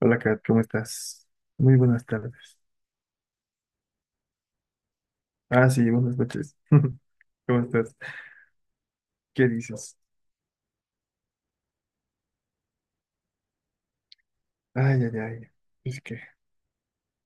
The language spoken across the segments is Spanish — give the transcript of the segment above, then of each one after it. Hola, Kat, ¿cómo estás? Muy buenas tardes. Ah, sí, buenas noches. ¿Cómo estás? ¿Qué dices? Ay, ay, ay. Es que,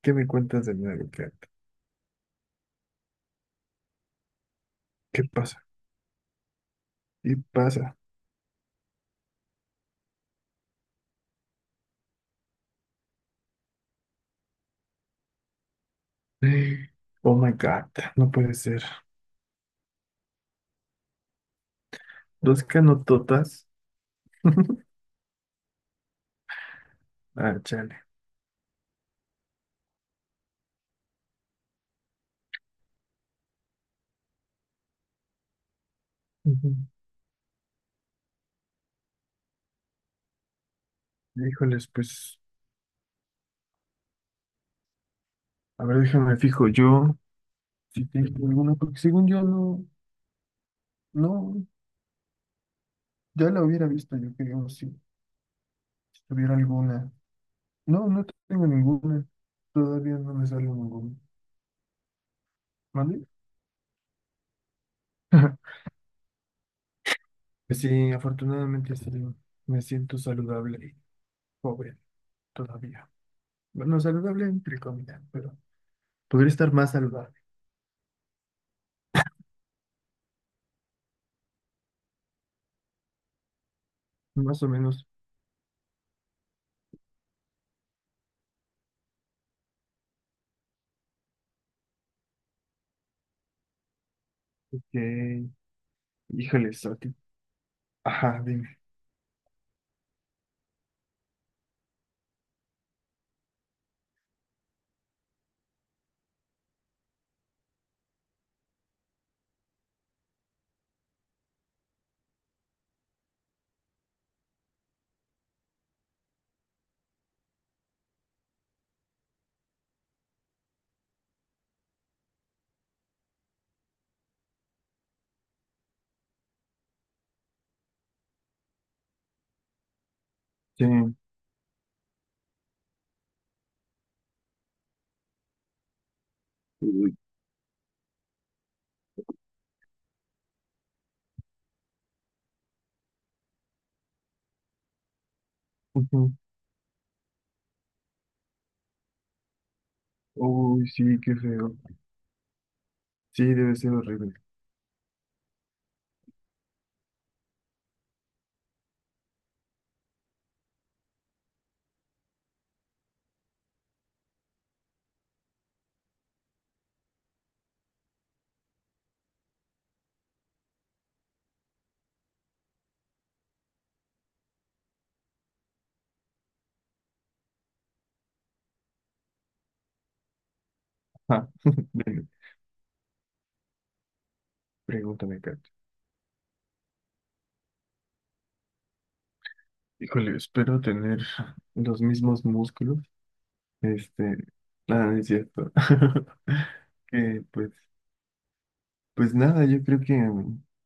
¿qué me cuentas de nuevo, Kat? ¿Qué pasa? ¿Qué pasa? Oh my God, no puede ser. Dos canototas. Ah, chale. Ujú. Híjoles, pues, a ver, déjame fijo yo si tengo alguna, porque según yo no, no, ya la hubiera visto yo, creo, si, si tuviera alguna. No, no tengo ninguna. Todavía no me sale ninguna. ¿Mande? Pues sí, afortunadamente sí, me siento saludable y joven todavía. Bueno, saludable entre comillas, pero podría estar más saludable, más o menos. Que, híjole, Soti. Ajá, dime. Sí. Uy, ujú. Uy, sí, qué feo. Sí, debe ser horrible. Ajá, dime, pregúntame, Kat. Híjole, espero tener los mismos músculos. Este, nada, no es cierto. Que pues pues nada, yo creo que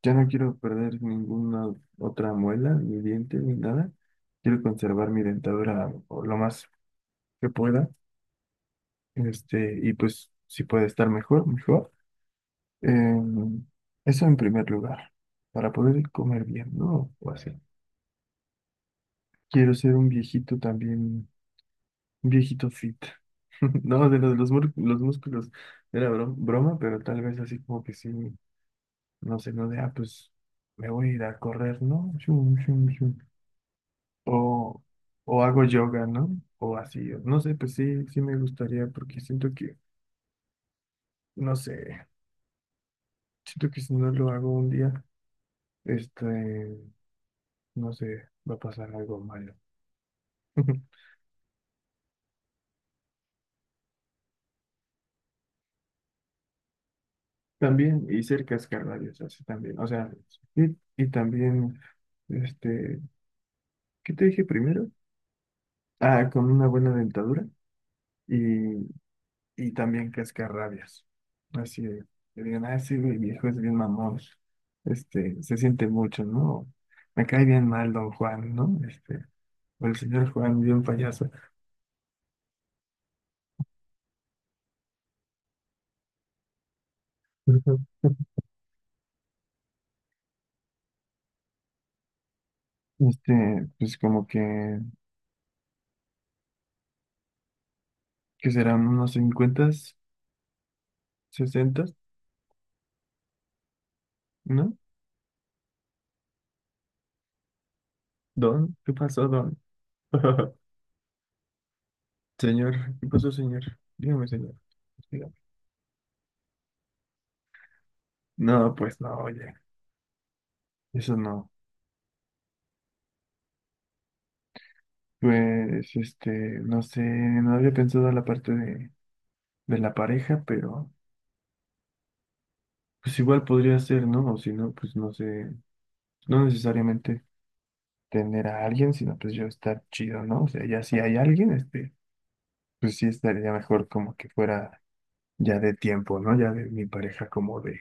ya no quiero perder ninguna otra muela, ni diente, ni nada. Quiero conservar mi dentadura o lo más que pueda. Y pues si puede estar mejor, mejor. Em, eso en primer lugar, para poder comer bien, ¿no? O así. Quiero ser un viejito también, un viejito fit. No, de los músculos era broma, pero tal vez así como que sí, no sé, no de, ah, pues me voy a ir a correr, ¿no? O, o hago yoga, ¿no? O así, o no sé, pues sí, sí me gustaría porque siento que, no sé, siento que si no lo hago un día, este, no sé, va a pasar algo malo. También hice el cascanueces, así también, o sea, y también, este, ¿qué te dije primero? Ah, con una buena dentadura y y también cascarrabias. Así de, que digan, ah, sí, güey, viejo es bien mamón, se siente mucho, ¿no? Me cae bien mal don Juan, ¿no? O el señor Juan, bien payaso. Ujú. Pues como que serán unos 50 60, ¿no? Don, ¿qué pasó, don? Señor, ¿qué pasó, señor? Dígame, señor, dígame. No, pues no, oye, eso no. Pues, no sé, no había pensado la parte de la pareja, pero pues igual podría ser, ¿no? O si no, pues no sé, no necesariamente tener a alguien, sino pues yo estar chido, ¿no? O sea, ya si hay alguien, pues sí estaría mejor como que fuera ya de tiempo, ¿no? Ya de mi pareja como de,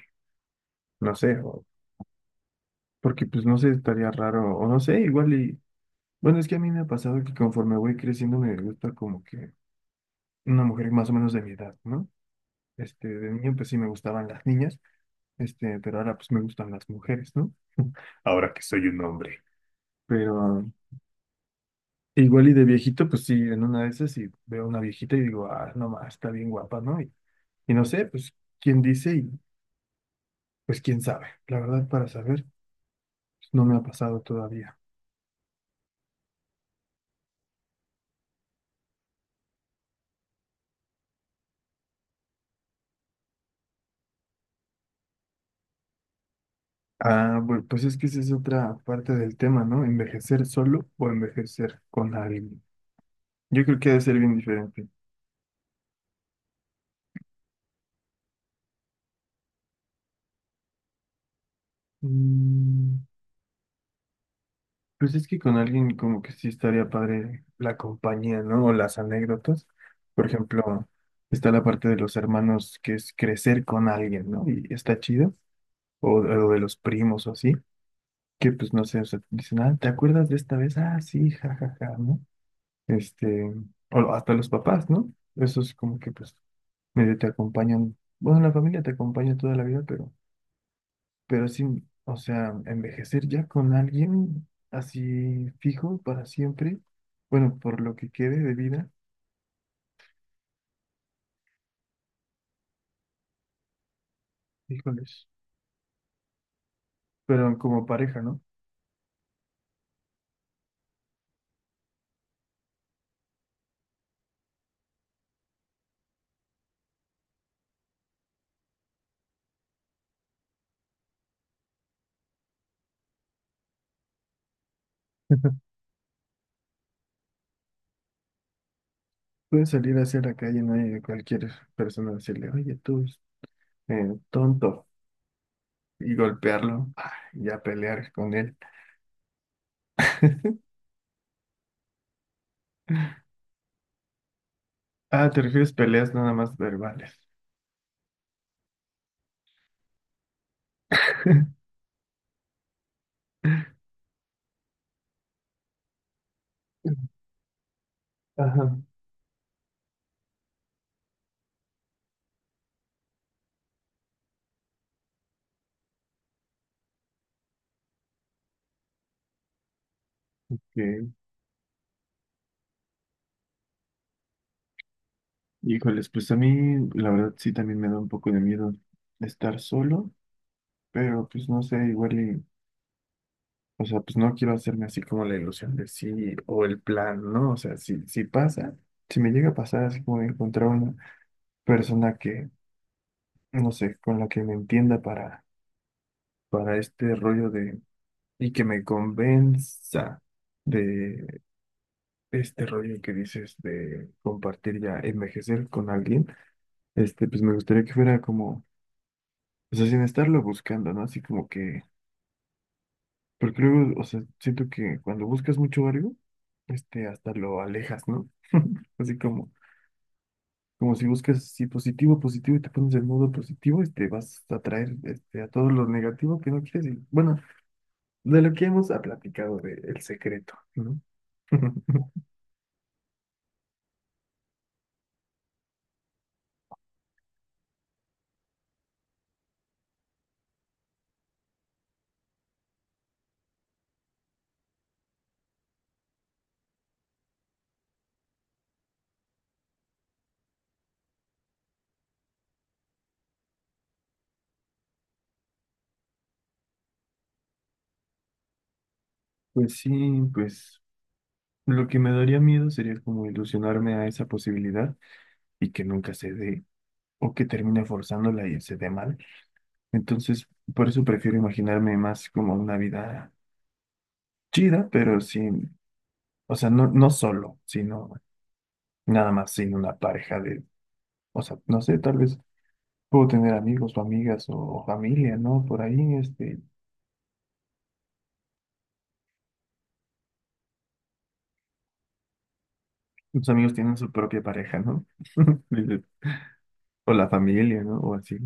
no sé, o porque pues no sé, estaría raro, o no sé, igual y, bueno, es que a mí me ha pasado que conforme voy creciendo me gusta como que una mujer más o menos de mi edad, ¿no? De niño pues sí me gustaban las niñas, pero ahora pues me gustan las mujeres, ¿no? Ahora que soy un hombre. Pero igual y de viejito, pues sí, en una de esas y veo una viejita y digo, ah, no más, está bien guapa, ¿no? Y no sé, pues quién dice y pues quién sabe. La verdad, para saber, pues, no me ha pasado todavía. Ah, bueno pues es que esa es otra parte del tema, ¿no? Envejecer solo o envejecer con alguien. Yo creo que ha de ser bien diferente. Mm, pues es que con alguien como que sí estaría padre la compañía, ¿no? O las anécdotas. Por ejemplo, está la parte de los hermanos que es crecer con alguien, ¿no? Y está chido. O de los primos o así, que pues no sé, o sea, dicen, ah, ¿te acuerdas de esta vez? Ah, sí, jajaja, ¿no? Este, o hasta los papás, ¿no? Eso es como que pues medio te acompañan, bueno, la familia te acompaña toda la vida, pero sí, o sea, envejecer ya con alguien así fijo para siempre, bueno, por lo que quede de vida, híjoles, pero como pareja, ¿no? Puedes salir hacia la calle, no hay cualquier persona decirle, oye, tú, tonto, y golpearlo, ah, y ya pelear con él. Ah, te refieres peleas nada más verbales. Ajá. Que, híjoles, pues a mí la verdad sí también me da un poco de miedo estar solo, pero pues no sé, igual y o sea, pues no quiero hacerme así como la ilusión de sí o el plan, ¿no? O sea, si pasa, si me llega a pasar así como de encontrar una persona que, no sé, con la que me entienda para este rollo de, y que me convenza de este rollo que dices de compartir ya envejecer con alguien, pues me gustaría que fuera como, o sea, sin estarlo buscando, ¿no? Así como que porque luego, o sea, siento que cuando buscas mucho algo, hasta lo alejas, ¿no? Así como, como si buscas si positivo, positivo y te pones en modo positivo, vas a atraer este, a todo lo negativo que no quieres. Y, bueno, de lo que hemos platicado de el secreto, ¿no? Pues sí, pues lo que me daría miedo sería como ilusionarme a esa posibilidad y que nunca se dé, o que termine forzándola y se dé mal. Entonces, por eso prefiero imaginarme más como una vida chida, pero sin, o sea, no, no solo, sino nada más sin una pareja de, o sea, no sé, tal vez puedo tener amigos o amigas o familia, ¿no? Por ahí, los amigos tienen su propia pareja, ¿no? Dices, o la familia, ¿no? O así.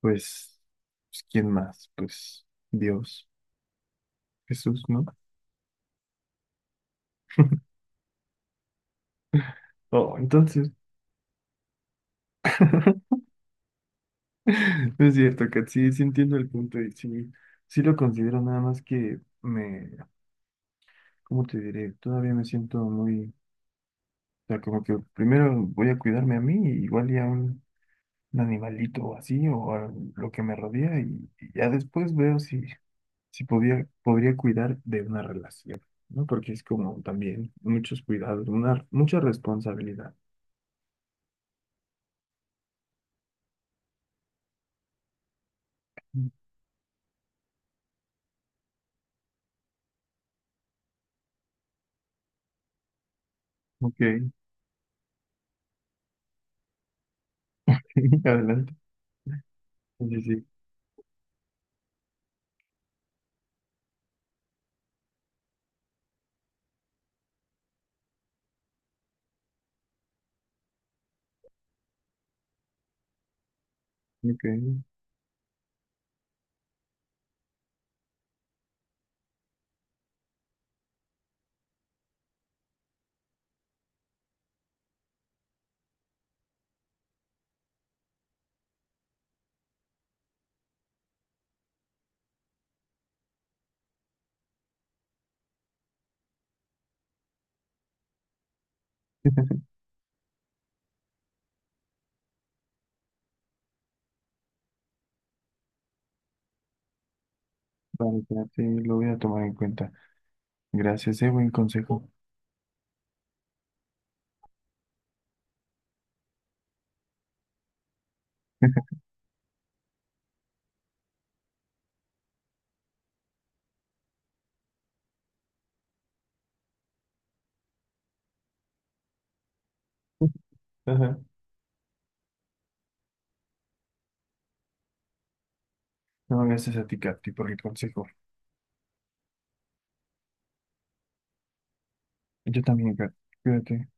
Pues, pues, ¿quién más? Pues Dios, Jesús, ¿no? Oh, entonces, no es cierto, que sí, sí entiendo el punto y sí, sí lo considero nada más que me, ¿cómo te diré? Todavía me siento muy sea, como que primero voy a cuidarme a mí, igual y a un animalito o así, o a lo que me rodea, y ya después veo si, si podía, podría cuidar de una relación, ¿no? Porque es como también muchos cuidados, una, mucha responsabilidad. Mm. Ok, adelante. Sí, sí, ok. Vale, ya, sí, lo voy a tomar en cuenta. Gracias, buen consejo. Ajá. No, gracias a ti, Katy, por el consejo. Yo también, Katy. Cuídate.